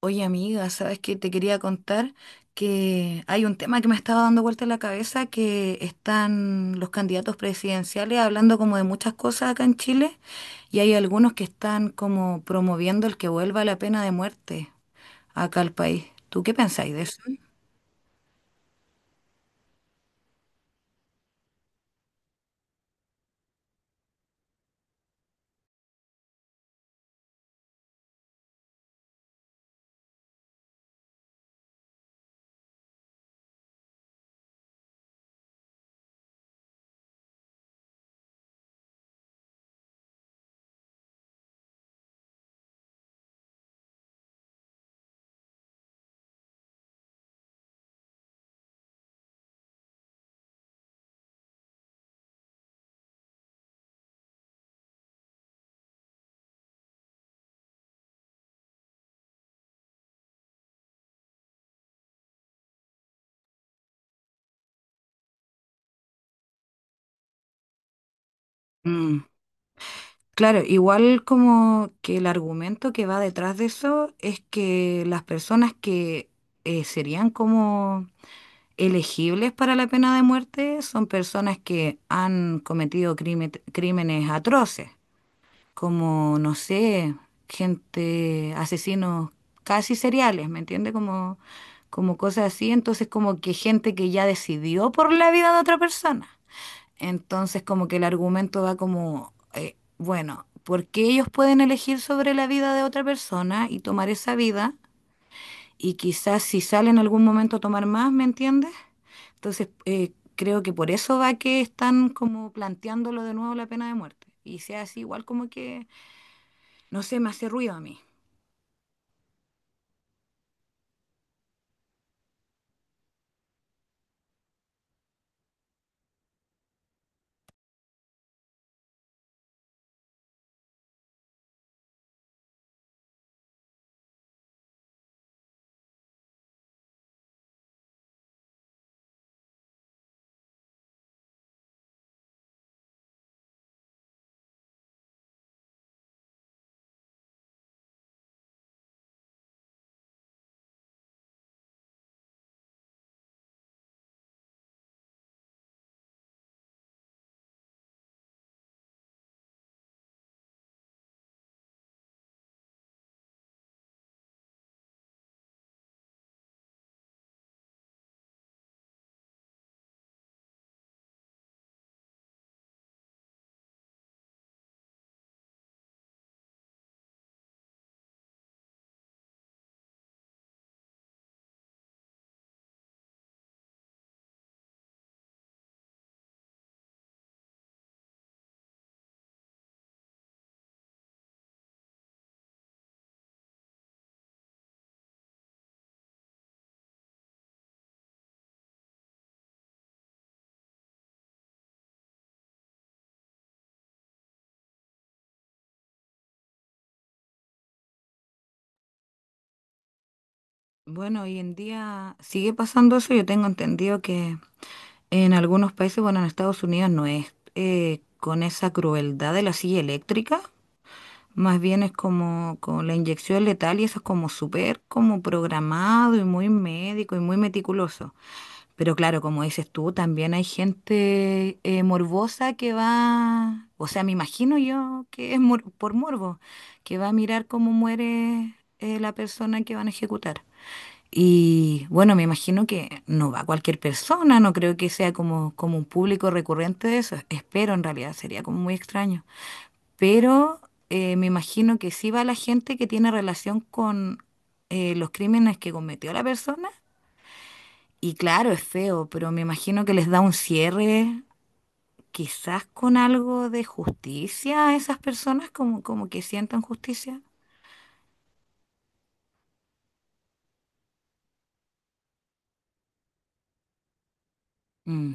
Oye, amiga, ¿sabes? Que Te quería contar que hay un tema que me estaba dando vuelta en la cabeza, que están los candidatos presidenciales hablando como de muchas cosas acá en Chile, y hay algunos que están como promoviendo el que vuelva la pena de muerte acá al país. ¿Tú qué pensáis de eso? Mm, claro, igual como que el argumento que va detrás de eso es que las personas que serían como elegibles para la pena de muerte son personas que han cometido crímenes atroces, como, no sé, gente, asesinos casi seriales, ¿me entiende? Como, como cosas así, entonces como que gente que ya decidió por la vida de otra persona. Entonces como que el argumento va como, bueno, porque ellos pueden elegir sobre la vida de otra persona y tomar esa vida. Y quizás si sale en algún momento a tomar más, ¿me entiendes? Entonces, creo que por eso va que están como planteándolo de nuevo la pena de muerte. Y sea así, igual como que, no sé, me hace ruido a mí. Bueno, hoy en día sigue pasando eso. Yo tengo entendido que en algunos países, bueno, en Estados Unidos no es con esa crueldad de la silla eléctrica. Más bien es como con la inyección letal, y eso es como súper como programado y muy médico y muy meticuloso. Pero claro, como dices tú, también hay gente morbosa que va, o sea, me imagino yo que es por morbo, que va a mirar cómo muere la persona que van a ejecutar. Y bueno, me imagino que no va cualquier persona, no creo que sea como como un público recurrente de eso, espero en realidad, sería como muy extraño. Pero me imagino que sí va la gente que tiene relación con los crímenes que cometió la persona, y claro, es feo, pero me imagino que les da un cierre, quizás con algo de justicia a esas personas, como como que sientan justicia. Mm.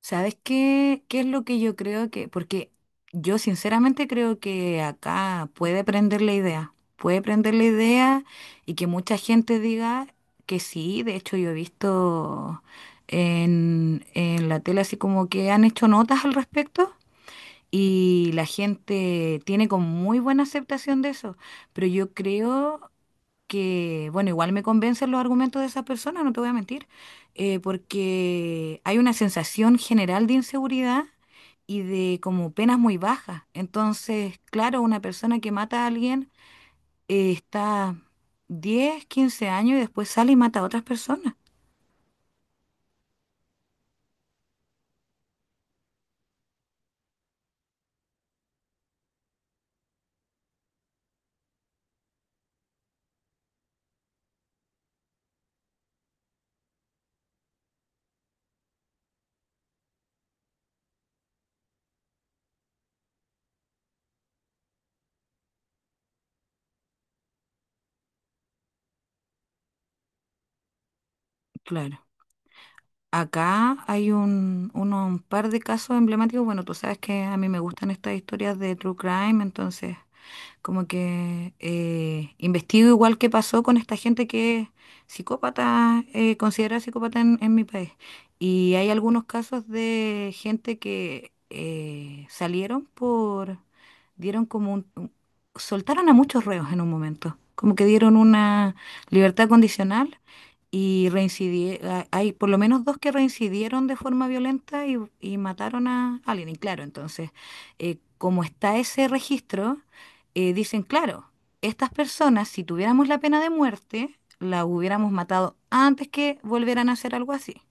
¿Sabes qué, qué es lo que yo creo? Que, porque yo sinceramente creo que acá puede prender la idea, puede prender la idea, y que mucha gente diga que sí. De hecho, yo he visto en la tele así como que han hecho notas al respecto, y la gente tiene como muy buena aceptación de eso. Pero yo creo que, bueno, igual me convencen los argumentos de esas personas, no te voy a mentir, porque hay una sensación general de inseguridad y de como penas muy bajas. Entonces, claro, una persona que mata a alguien está 10, 15 años y después sale y mata a otras personas. Claro. Acá hay un uno- un par de casos emblemáticos. Bueno, tú sabes que a mí me gustan estas historias de true crime, entonces como que investigo igual qué pasó con esta gente que es psicópata, considerada psicópata en mi país. Y hay algunos casos de gente que salieron por, dieron como soltaron a muchos reos en un momento, como que dieron una libertad condicional y reincidieron. Hay por lo menos dos que reincidieron de forma violenta y mataron a alguien. Y claro, entonces, como está ese registro, dicen, claro, estas personas, si tuviéramos la pena de muerte, la hubiéramos matado antes que volvieran a hacer algo así.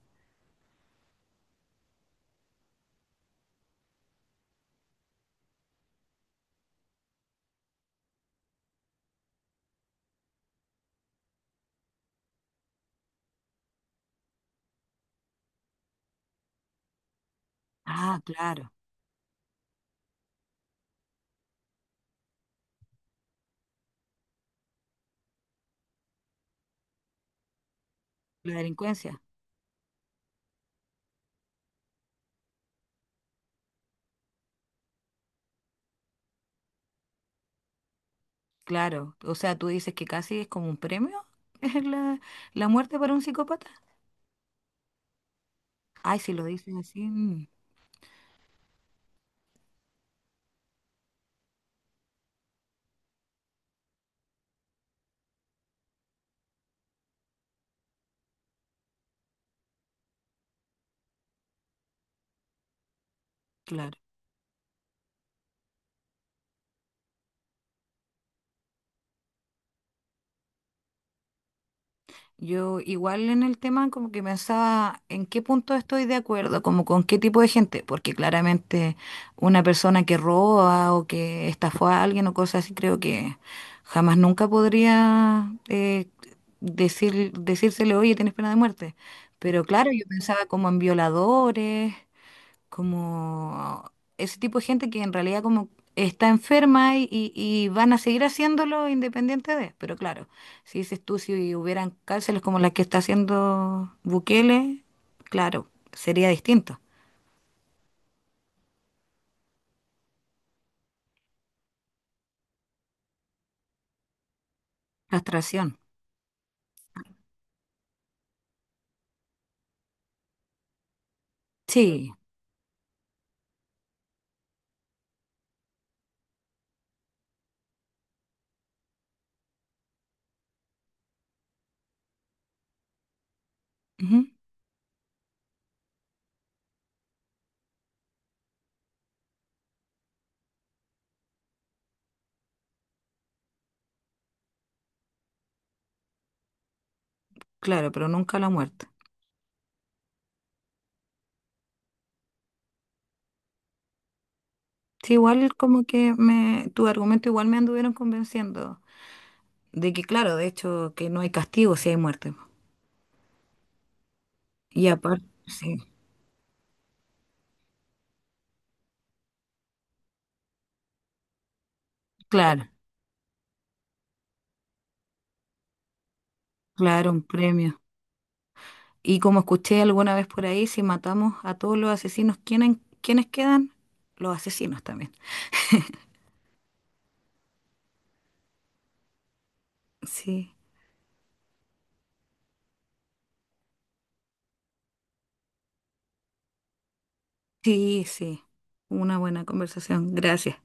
Ah, claro, la delincuencia, claro. O sea, tú dices que casi es como un premio la, la muerte para un psicópata. Ay, si lo dices así, mm, claro. Yo igual en el tema como que pensaba en qué punto estoy de acuerdo, como con qué tipo de gente, porque claramente una persona que roba o que estafó a alguien o cosas así, creo que jamás nunca podría decir, decírsele, oye, tienes pena de muerte. Pero claro, yo pensaba como en violadores, como ese tipo de gente que en realidad como está enferma y y van a seguir haciéndolo independiente de. Pero claro, si dices tú, si hubieran cárceles como las que está haciendo Bukele, claro, sería distinto. Castración. Sí, ujú, claro, pero nunca la muerte. Sí, igual como que me, tu argumento igual me anduvieron convenciendo de que, claro, de hecho, que no hay castigo si hay muerte. Y aparte, sí, claro, claro, un premio. Y como escuché alguna vez por ahí, si matamos a todos los asesinos, ¿quiénes quiénes quedan? Los asesinos también. Sí, sí, sí. Una buena conversación. Gracias.